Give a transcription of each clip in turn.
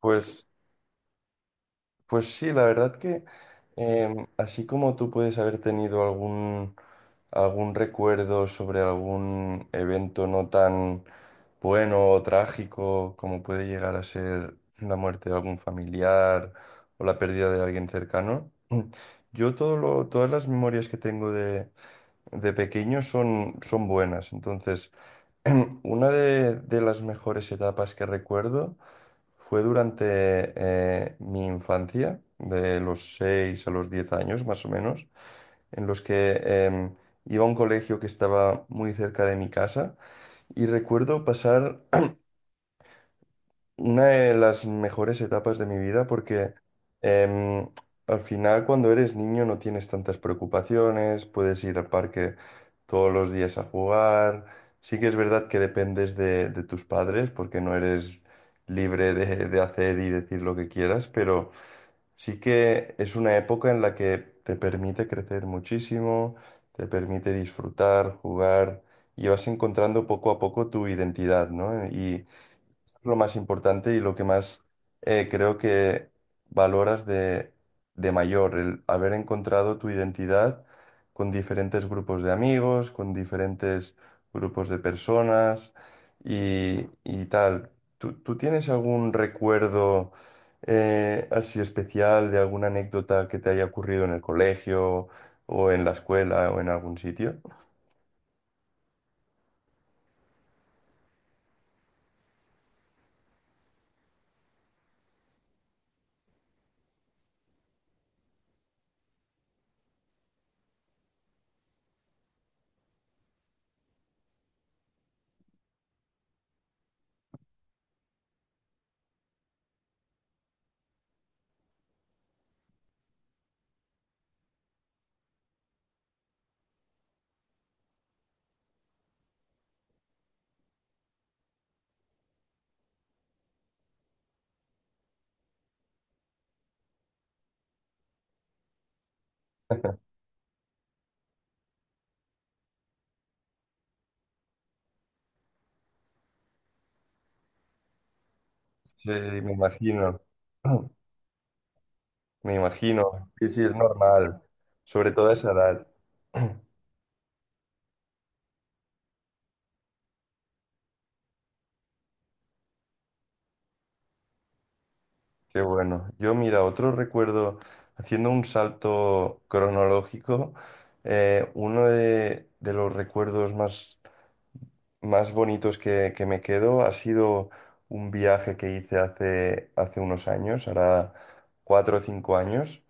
Pues, pues sí, la verdad que así como tú puedes haber tenido algún recuerdo sobre algún evento no tan bueno o trágico como puede llegar a ser la muerte de algún familiar o la pérdida de alguien cercano, todas las memorias que tengo de pequeño son buenas. Entonces, una de las mejores etapas que recuerdo fue durante mi infancia, de los 6 a los 10 años más o menos, en los que em, iba a un colegio que estaba muy cerca de mi casa y recuerdo pasar una de las mejores etapas de mi vida porque em, al final cuando eres niño no tienes tantas preocupaciones, puedes ir al parque todos los días a jugar. Sí que es verdad que dependes de tus padres porque no eres libre de hacer y decir lo que quieras, pero sí que es una época en la que te permite crecer muchísimo, te permite disfrutar, jugar y vas encontrando poco a poco tu identidad, ¿no? Y lo más importante y lo que más creo que valoras de mayor, el haber encontrado tu identidad con diferentes grupos de amigos, con diferentes grupos de personas y tal. ¿Tú tienes algún recuerdo así especial de alguna anécdota que te haya ocurrido en el colegio o en la escuela o en algún sitio? Sí, me imagino. Me imagino, sí, sí, es normal, sobre todo a esa edad. Qué bueno. Yo, mira, otro recuerdo, haciendo un salto cronológico, uno de los recuerdos más bonitos que me quedo ha sido un viaje que hice hace unos años, hará 4 o 5 años,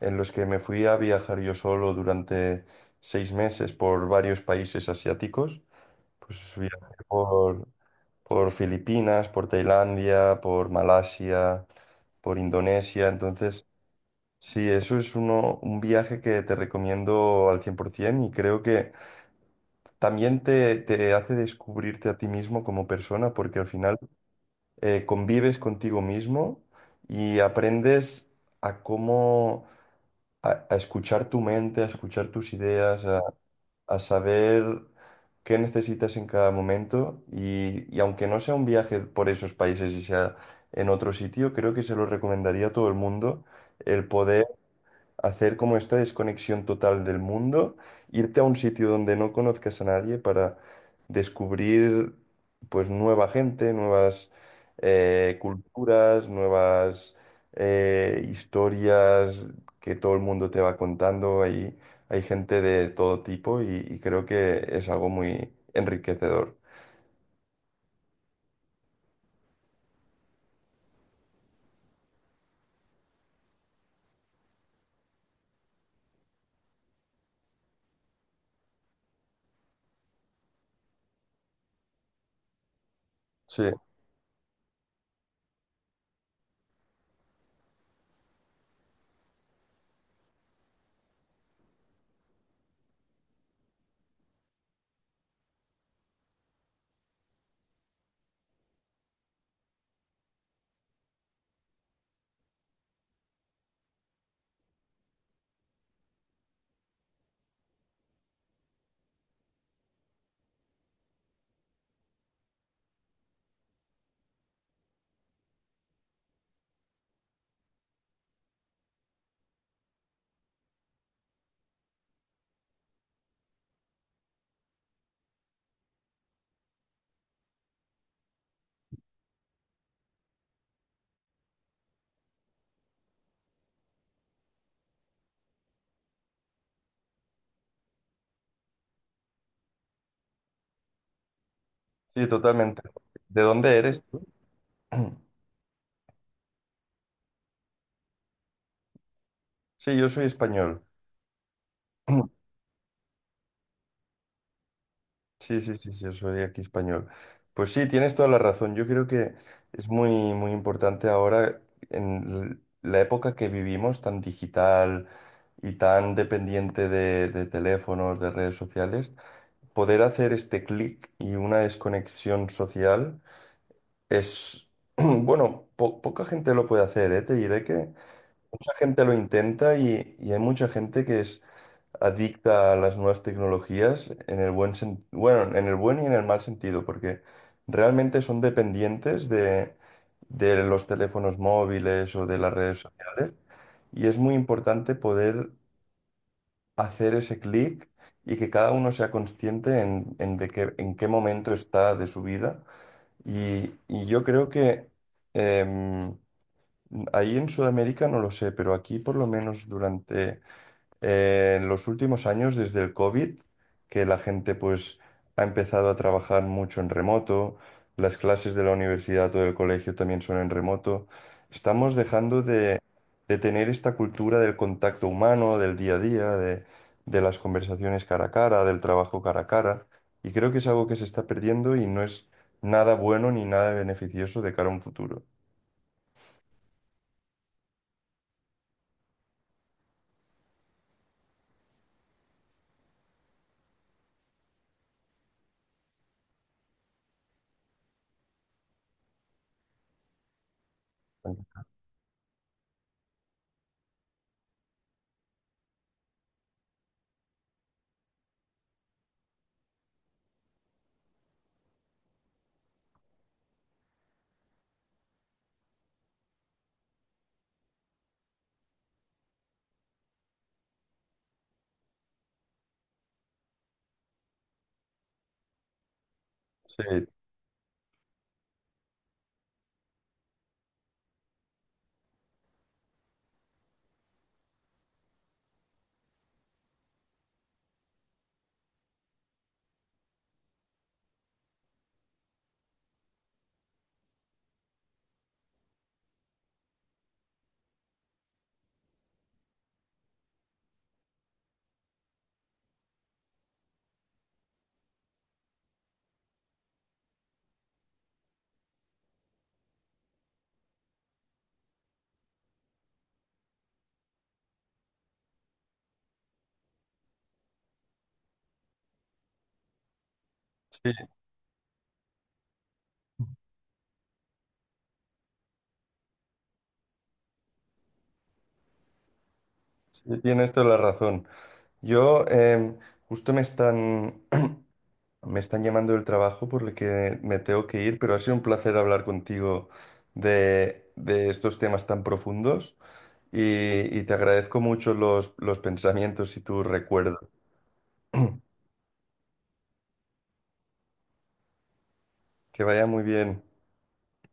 en los que me fui a viajar yo solo durante 6 meses por varios países asiáticos. Pues por Filipinas, por Tailandia, por Malasia, por Indonesia. Entonces, sí, eso es uno, un viaje que te recomiendo al 100% y creo que también te hace descubrirte a ti mismo como persona porque al final convives contigo mismo y aprendes a cómo... A escuchar tu mente, a escuchar tus ideas, a saber qué necesitas en cada momento y aunque no sea un viaje por esos países y sea en otro sitio, creo que se lo recomendaría a todo el mundo el poder hacer como esta desconexión total del mundo, irte a un sitio donde no conozcas a nadie para descubrir pues nueva gente, nuevas culturas, nuevas historias que todo el mundo te va contando. Hay gente de todo tipo y creo que es algo muy enriquecedor. Sí, sí, totalmente. ¿De dónde eres tú? Sí, yo soy español. Sí, sí, sí, sí, yo soy aquí español. Pues sí, tienes toda la razón. Yo creo que es muy, muy importante ahora, en la época que vivimos, tan digital y tan dependiente de teléfonos, de redes sociales, poder hacer este clic y una desconexión social es, bueno, poca gente lo puede hacer, ¿eh? Te diré que mucha gente lo intenta y hay mucha gente que es adicta a las nuevas tecnologías en el bueno, en el buen y en el mal sentido, porque realmente son dependientes de los teléfonos móviles o de las redes sociales. Y es muy importante poder hacer ese clic y que cada uno sea consciente en qué momento está de su vida. Y yo creo que em, ahí en Sudamérica no lo sé, pero aquí por lo menos durante en los últimos años, desde el COVID, que la gente pues ha empezado a trabajar mucho en remoto, las clases de la universidad o del colegio también son en remoto, estamos dejando de tener esta cultura del contacto humano, del día a día, de las conversaciones cara a cara, del trabajo cara a cara, y creo que es algo que se está perdiendo y no es nada bueno ni nada beneficioso de cara a un futuro. Sí, sí, sí, tienes toda la razón. Yo, justo me están, me están llamando del trabajo por el que me tengo que ir, pero ha sido un placer hablar contigo de estos temas tan profundos y, y te agradezco mucho los pensamientos y tu recuerdo. Que vaya muy bien.